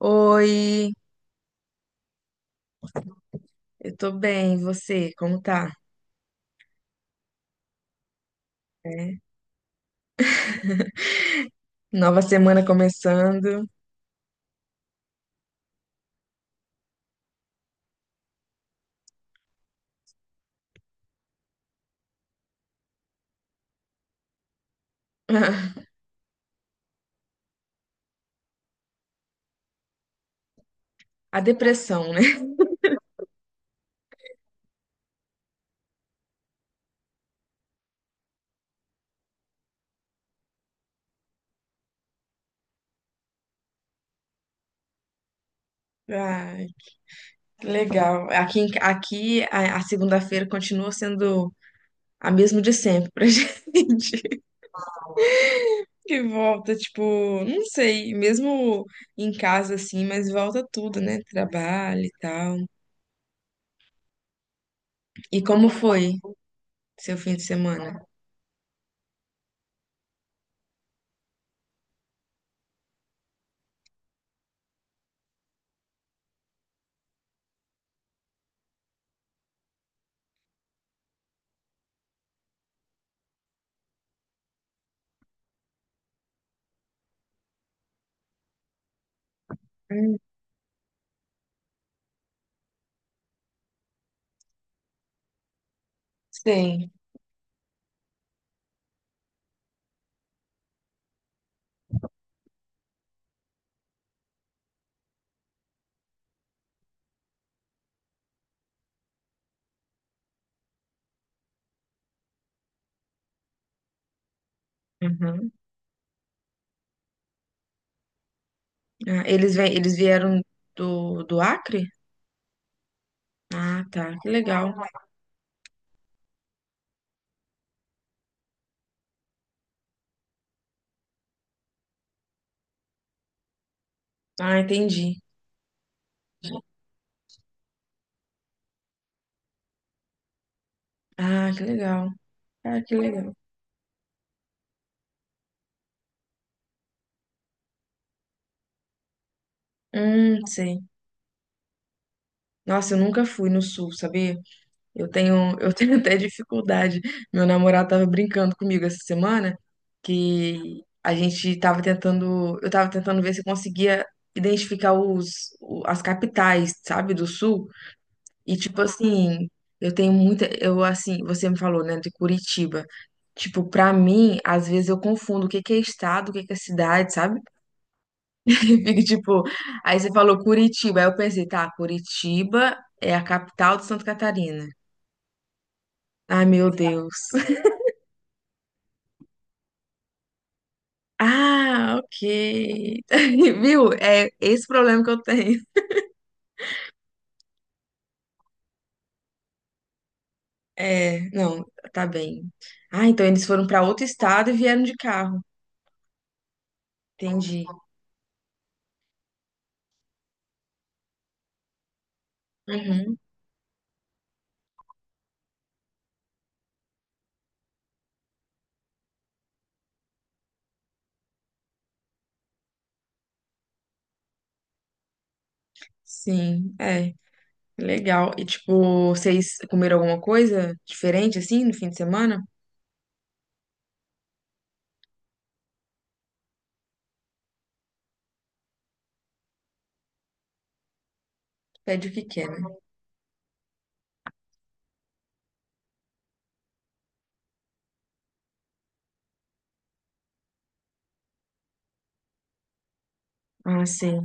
Oi, eu tô bem, e você, como tá? É. Nova semana começando. A depressão, né? Ai, que legal. Aqui, a segunda-feira continua sendo a mesma de sempre pra gente. Que volta, tipo, não sei, mesmo em casa assim, mas volta tudo, né? Trabalho e tal. E como foi seu fim de semana? Hum. Sei. Uhum. Ah, eles, eles vieram do Acre? Ah, tá. Que legal. Ah, entendi. Ah, que legal. Ah, que legal. Sei. Nossa, eu nunca fui no sul, sabia? Eu tenho, eu tenho até dificuldade. Meu namorado tava brincando comigo essa semana que a gente tava tentando, eu tava tentando ver se eu conseguia identificar as capitais, sabe, do sul. E tipo assim, eu tenho muita, eu assim, você me falou, né, de Curitiba. Tipo, pra mim, às vezes eu confundo o que que é estado, o que que é cidade, sabe? E fico tipo, aí você falou Curitiba, aí eu pensei, tá, Curitiba é a capital de Santa Catarina. Ai, meu Deus. Ah, ok. Viu? É esse problema que eu tenho. É, não, tá bem. Ah, então eles foram pra outro estado e vieram de carro. Entendi. Uhum, sim, é. Legal. E, tipo, vocês comeram alguma coisa diferente, assim, no fim de semana? Pede o que quer, né? Ah, sim.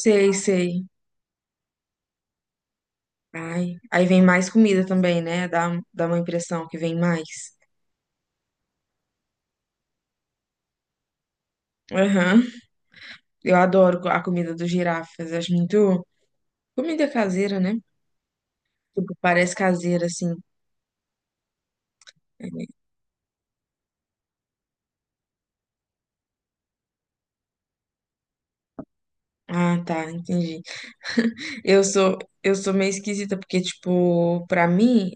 Sei, sei. Ai. Aí vem mais comida também, né? Dá uma impressão que vem mais. Aham. Eu adoro a comida dos girafas. Acho muito. Comida caseira, né? Tipo, parece caseira, assim. É. Ah, tá. Entendi. Eu sou, eu sou meio esquisita, porque, tipo, pra mim,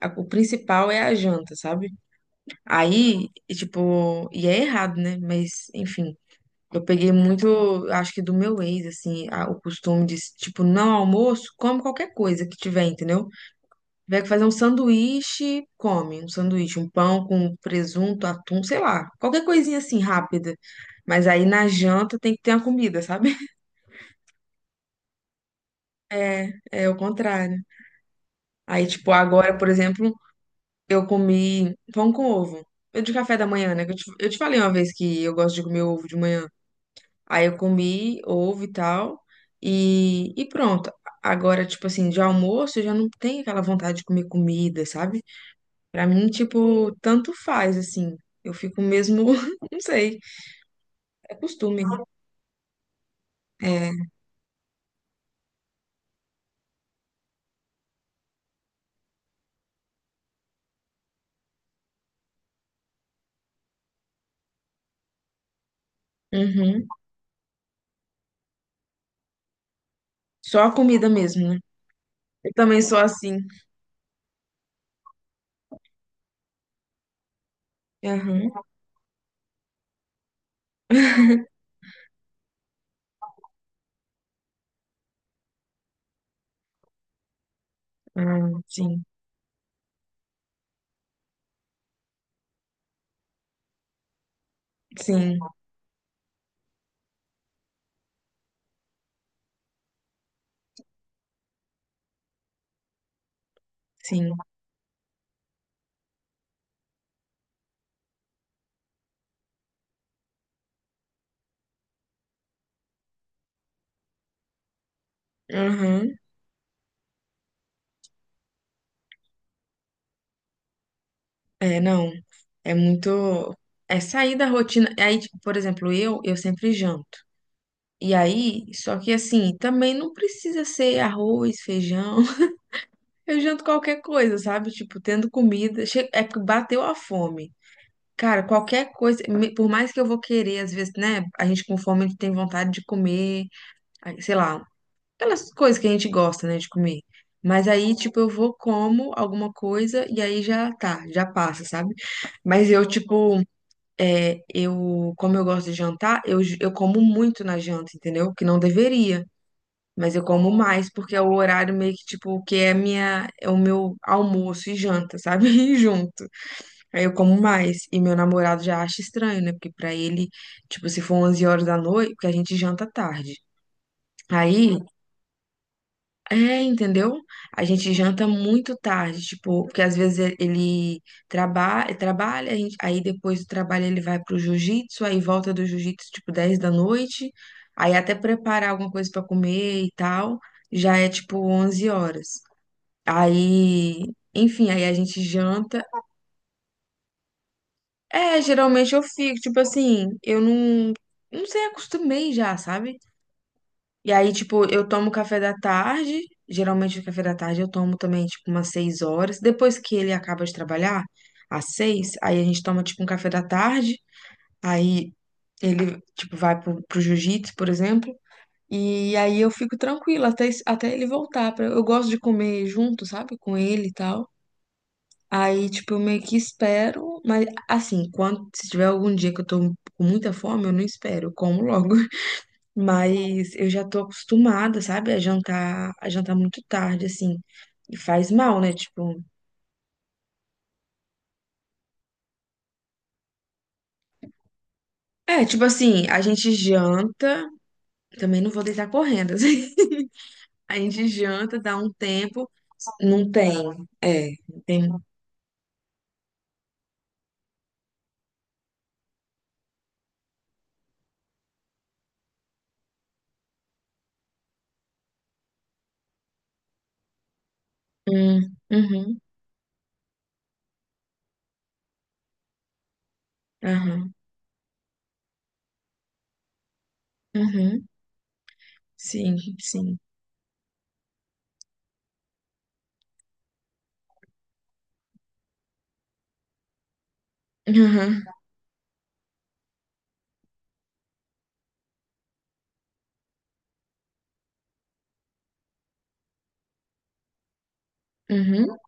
o principal é a janta, sabe? Aí, e, tipo, e é errado, né? Mas, enfim, eu peguei muito, acho que do meu ex, assim, o costume de, tipo, não almoço, come qualquer coisa que tiver, entendeu? Tiver que fazer um sanduíche, come um sanduíche, um pão com presunto, atum, sei lá, qualquer coisinha assim, rápida. Mas aí na janta tem que ter a comida, sabe? É, é o contrário. Aí, tipo, agora, por exemplo, eu comi pão com ovo. Eu de café da manhã, né? Que eu te falei uma vez que eu gosto de comer ovo de manhã. Aí eu comi ovo e tal, e pronto. Agora, tipo assim, de almoço eu já não tenho aquela vontade de comer comida, sabe? Pra mim, tipo, tanto faz, assim. Eu fico mesmo, não sei, é costume. É, uhum. Só a comida mesmo, né? Eu também sou assim. Aham. Ah, sim, sim, sim. Aham. É, não. É muito. É sair da rotina. Aí, tipo, por exemplo, eu sempre janto. E aí, só que assim, também não precisa ser arroz, feijão. Eu janto qualquer coisa, sabe? Tipo, tendo comida. É porque bateu a fome. Cara, qualquer coisa, por mais que eu vou querer, às vezes, né? A gente com fome, a gente tem vontade de comer, aí, sei lá, aquelas coisas que a gente gosta, né, de comer. Mas aí, tipo, eu vou, como alguma coisa e aí já tá, já passa, sabe? Mas eu, tipo, é, eu, como eu gosto de jantar, eu, eu como muito na janta, entendeu? Que não deveria. Mas eu como mais, porque é o horário meio que, tipo, que é o meu almoço e janta, sabe? E junto. Aí eu como mais. E meu namorado já acha estranho, né? Porque pra ele, tipo, se for 11 horas da noite, porque a gente janta tarde. Aí, entendeu? A gente janta muito tarde, tipo, porque às vezes ele trabalha, aí depois do trabalho ele vai pro jiu-jitsu, aí volta do jiu-jitsu tipo 10 da noite, aí até preparar alguma coisa pra comer e tal, já é tipo 11 horas. Aí, enfim, aí a gente janta. É, geralmente eu fico, tipo assim, eu não sei, acostumei já, sabe? E aí, tipo, eu tomo café da tarde. Geralmente o café da tarde eu tomo também, tipo, umas 6 horas. Depois que ele acaba de trabalhar, às 6, aí a gente toma, tipo, um café da tarde. Aí ele, tipo, vai pro jiu-jitsu, por exemplo. E aí eu fico tranquila até ele voltar. Eu gosto de comer junto, sabe? Com ele e tal. Aí, tipo, eu meio que espero. Mas, assim, quando, se tiver algum dia que eu tô com muita fome, eu não espero, eu como logo. Mas eu já tô acostumada, sabe, a jantar muito tarde, assim. E faz mal, né? Tipo. É, tipo assim, a gente janta. Também não vou deitar correndo, assim. A gente janta, dá um tempo. Não tem. É, não tem. Hum, uhum, aham, uhum, sim, sim. Aham, uhum.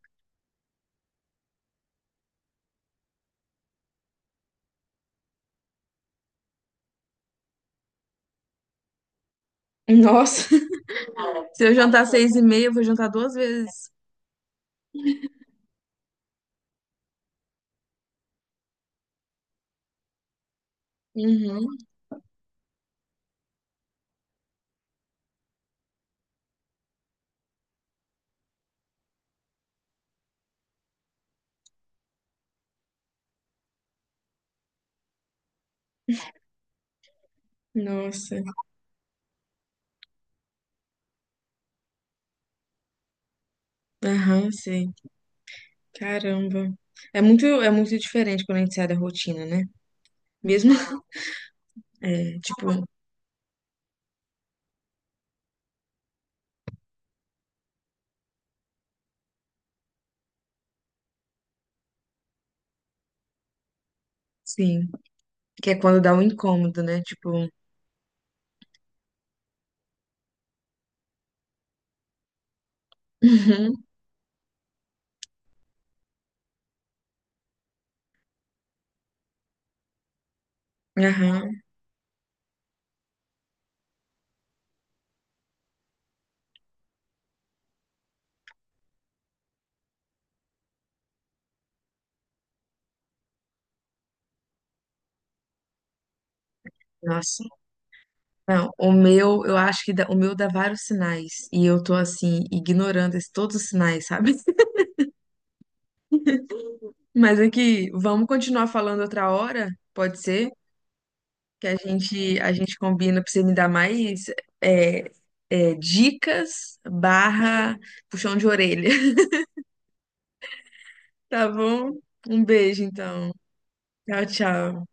Nossa, se eu jantar 6:30, eu vou jantar duas vezes. Uhum, nossa. Aham, sim. Caramba. É muito diferente quando a gente sai da rotina, né? Mesmo, é, tipo, sim, que é quando dá um incômodo, né? Tipo, uhum, aham, nossa. Não, o meu, eu acho que o meu dá vários sinais e eu tô assim ignorando todos os sinais, sabe? Mas é que vamos continuar falando outra hora, pode ser? Que a gente combina pra você me dar mais é, dicas barra puxão de orelha. Tá bom? Um beijo, então. Tchau, tchau.